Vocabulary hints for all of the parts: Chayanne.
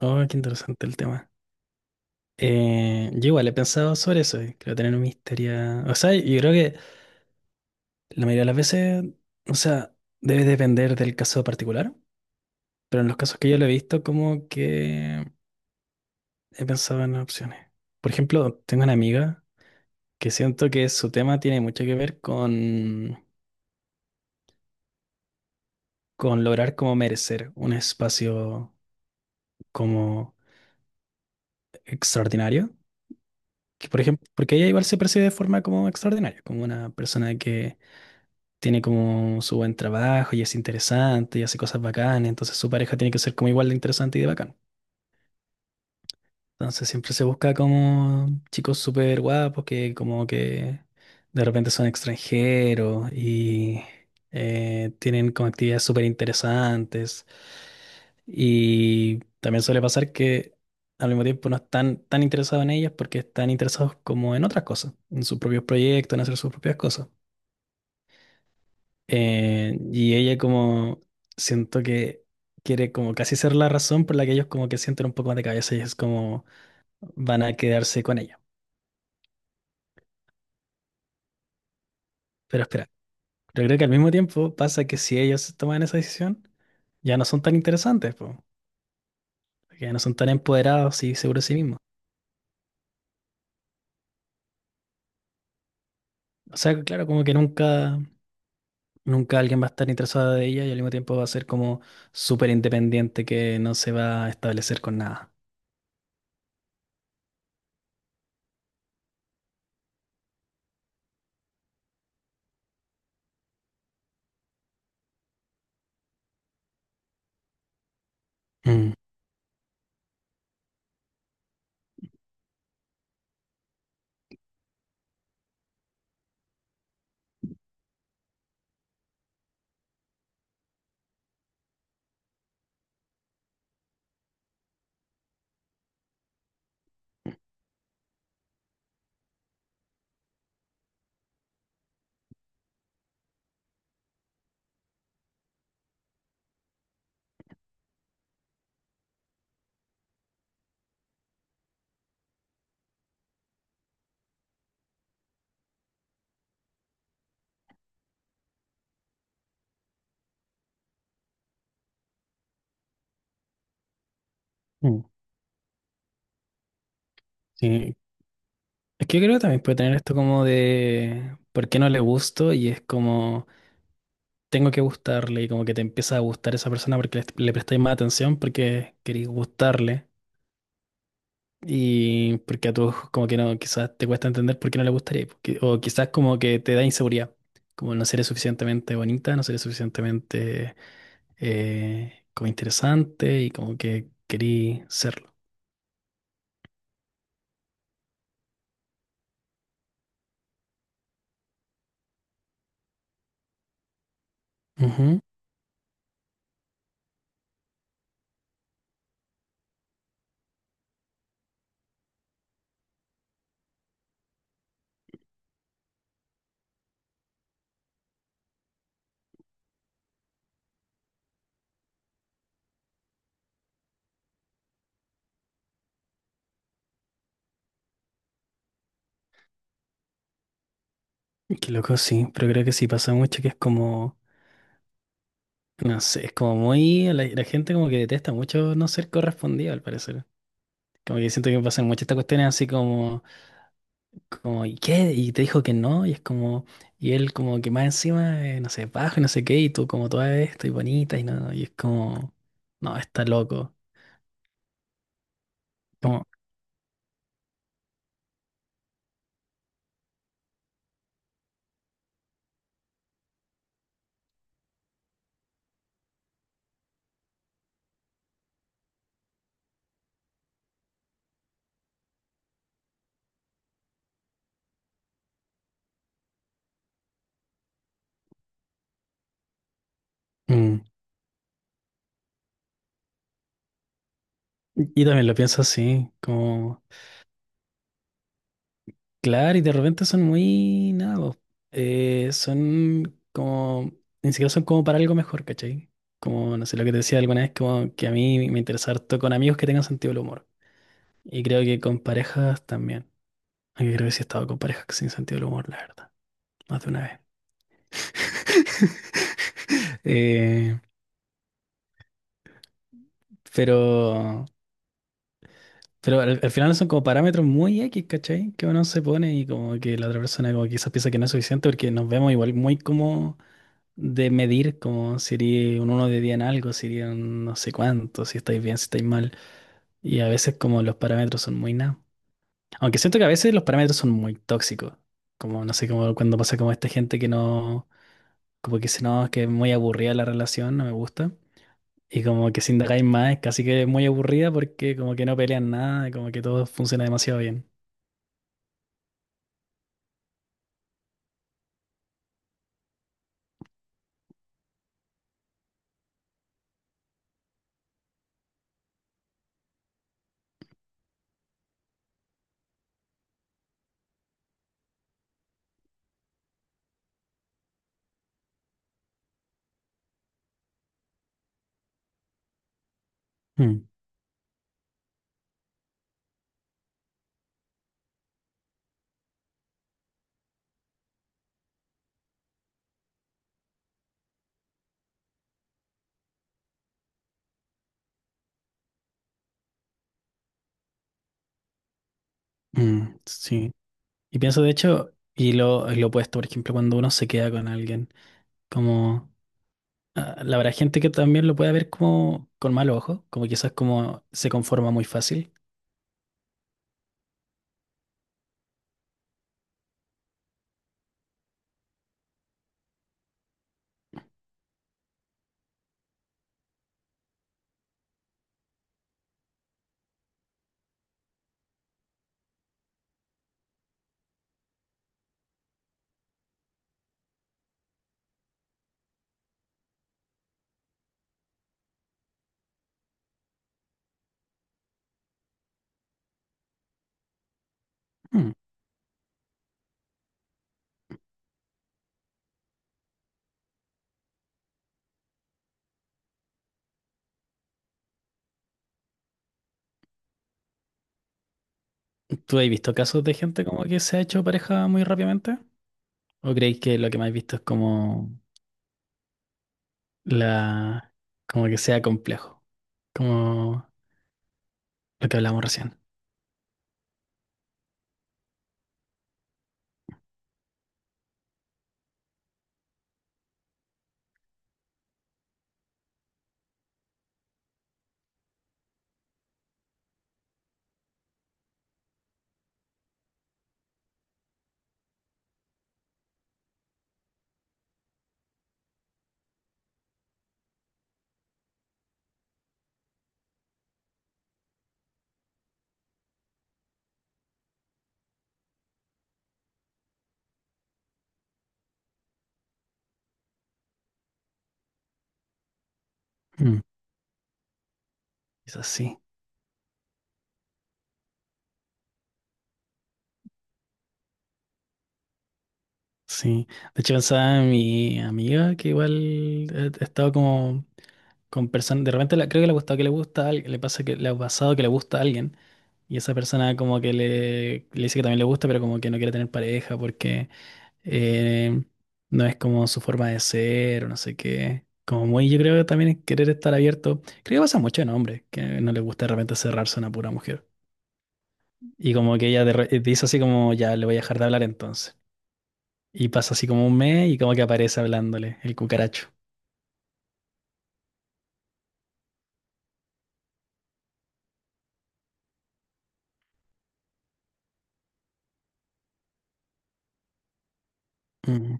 Oh, qué interesante el tema. Yo igual he pensado sobre eso, creo tener una historia. O sea, yo creo que la mayoría de las veces, o sea, debe depender del caso particular, pero en los casos que yo lo he visto, como que he pensado en opciones. Por ejemplo, tengo una amiga que siento que su tema tiene mucho que ver con lograr como merecer un espacio como extraordinario. Que por ejemplo, porque ella igual se percibe de forma como extraordinaria, como una persona que tiene como su buen trabajo y es interesante y hace cosas bacanas, entonces su pareja tiene que ser como igual de interesante y de bacán. Entonces siempre se busca como chicos súper guapos que como que de repente son extranjeros y tienen como actividades súper interesantes. Y también suele pasar que al mismo tiempo no están tan interesados en ellas porque están interesados como en otras cosas, en sus propios proyectos, en hacer sus propias cosas. Y ella como siento que quiere como casi ser la razón por la que ellos como que sienten un poco más de cabeza y es como van a quedarse con ella. Pero espera, pero creo que al mismo tiempo pasa que si ellos toman esa decisión, ya no son tan interesantes, po, porque ya no son tan empoderados y seguros de sí mismos. O sea, claro, como que nunca, nunca alguien va a estar interesado de ella y al mismo tiempo va a ser como súper independiente que no se va a establecer con nada. Mm, mm. Sí, es que yo creo que también puede tener esto como de por qué no le gusto y es como tengo que gustarle y como que te empieza a gustar esa persona porque le prestáis más atención porque queréis gustarle y porque a tú como que no, quizás te cuesta entender por qué no le gustaría o quizás como que te da inseguridad, como no seré suficientemente bonita, no seré suficientemente como interesante y como que querí serlo. Ujú. Qué loco, sí, pero creo que sí pasa mucho que es como. No sé, es como muy. La gente como que detesta mucho no ser correspondido, al parecer. Como que siento que pasan muchas estas cuestiones así como, como, ¿y qué? Y te dijo que no, y es como, y él como que más encima, no sé, bajo y no sé qué, y tú como toda esto y bonita, y no, y es como, no, está loco. Como, mm. Y también lo pienso así, como. Claro, y de repente son muy nada, po. Son como, ni siquiera son como para algo mejor, ¿cachai? Como, no sé, lo que te decía alguna vez, como que a mí me interesa harto con amigos que tengan sentido del humor. Y creo que con parejas también. Aunque creo que sí he estado con parejas sin sentido del humor, la verdad, más de una vez. Eh, pero, pero al final son como parámetros muy X, ¿cachai? Que uno se pone y como que la otra persona como quizás piensa que no es suficiente porque nos vemos igual muy como de medir como sería un 1 de 10 en algo, sería un no sé cuánto, si estáis bien, si estáis mal. Y a veces como los parámetros son muy nada. Aunque siento que a veces los parámetros son muy tóxicos. Como no sé, como cuando pasa como esta gente que no, como que dice, no, es que es muy aburrida la relación, no me gusta. Y como que si indagáis más, es casi que es muy aburrida porque como que no pelean nada, como que todo funciona demasiado bien. Mm, mm, sí. Y pienso de hecho, y lo opuesto, por ejemplo, cuando uno se queda con alguien, como. Ah, la verdad, gente que también lo puede ver como con mal ojo, como quizás como se conforma muy fácil. Mm. ¿Tú has visto casos de gente como que se ha hecho pareja muy rápidamente? ¿O creéis que lo que más he visto es como la, como que sea complejo? Como lo que hablamos recién. Mm. Quizás sí, sí. De hecho, pensaba en mi amiga que igual ha estado como con personas, de repente creo que le ha gustado que le gusta a alguien, le pasa que le ha pasado que le gusta a alguien y esa persona como que le dice que también le gusta, pero como que no quiere tener pareja porque eh, no es como su forma de ser o no sé qué. Como muy, yo creo que también es querer estar abierto. Creo que pasa mucho en hombres, que no les gusta de repente cerrarse a una pura mujer. Y como que ella dice así como, ya, le voy a dejar de hablar entonces. Y pasa así como un mes y como que aparece hablándole el cucaracho. Mm.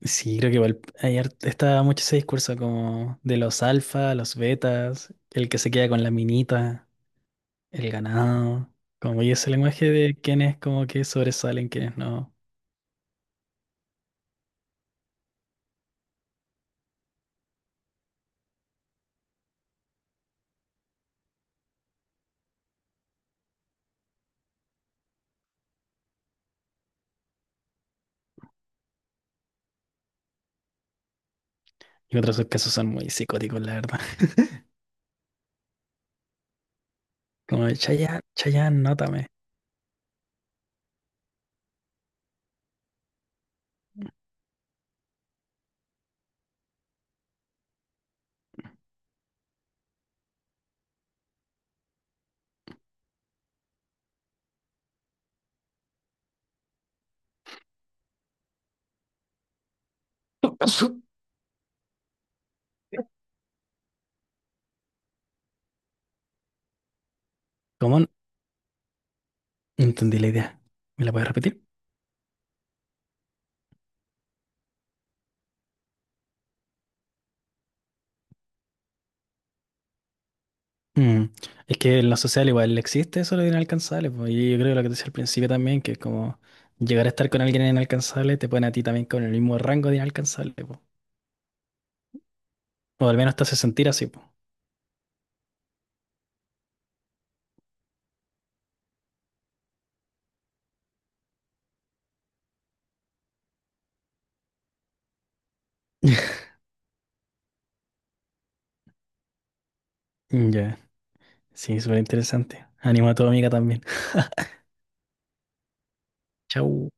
Sí, creo que igual hay está mucho ese discurso como de los alfa, los betas, el que se queda con la minita, el ganado, como y ese lenguaje de quienes como que sobresalen, quienes no. Y en otros casos son muy psicóticos, la verdad. Como de Chayanne, Chayanne, nótame. ¿Cómo? No entendí la idea. ¿Me la puedes repetir? Mm, es que en lo social igual existe eso de lo inalcanzable, pues, y yo creo que lo que te decía al principio también, que es como llegar a estar con alguien inalcanzable te pone a ti también con el mismo rango de inalcanzable, pues. O al menos te hace sentir así, po. Ya, sí, súper interesante. Animo a tu amiga también. Chau.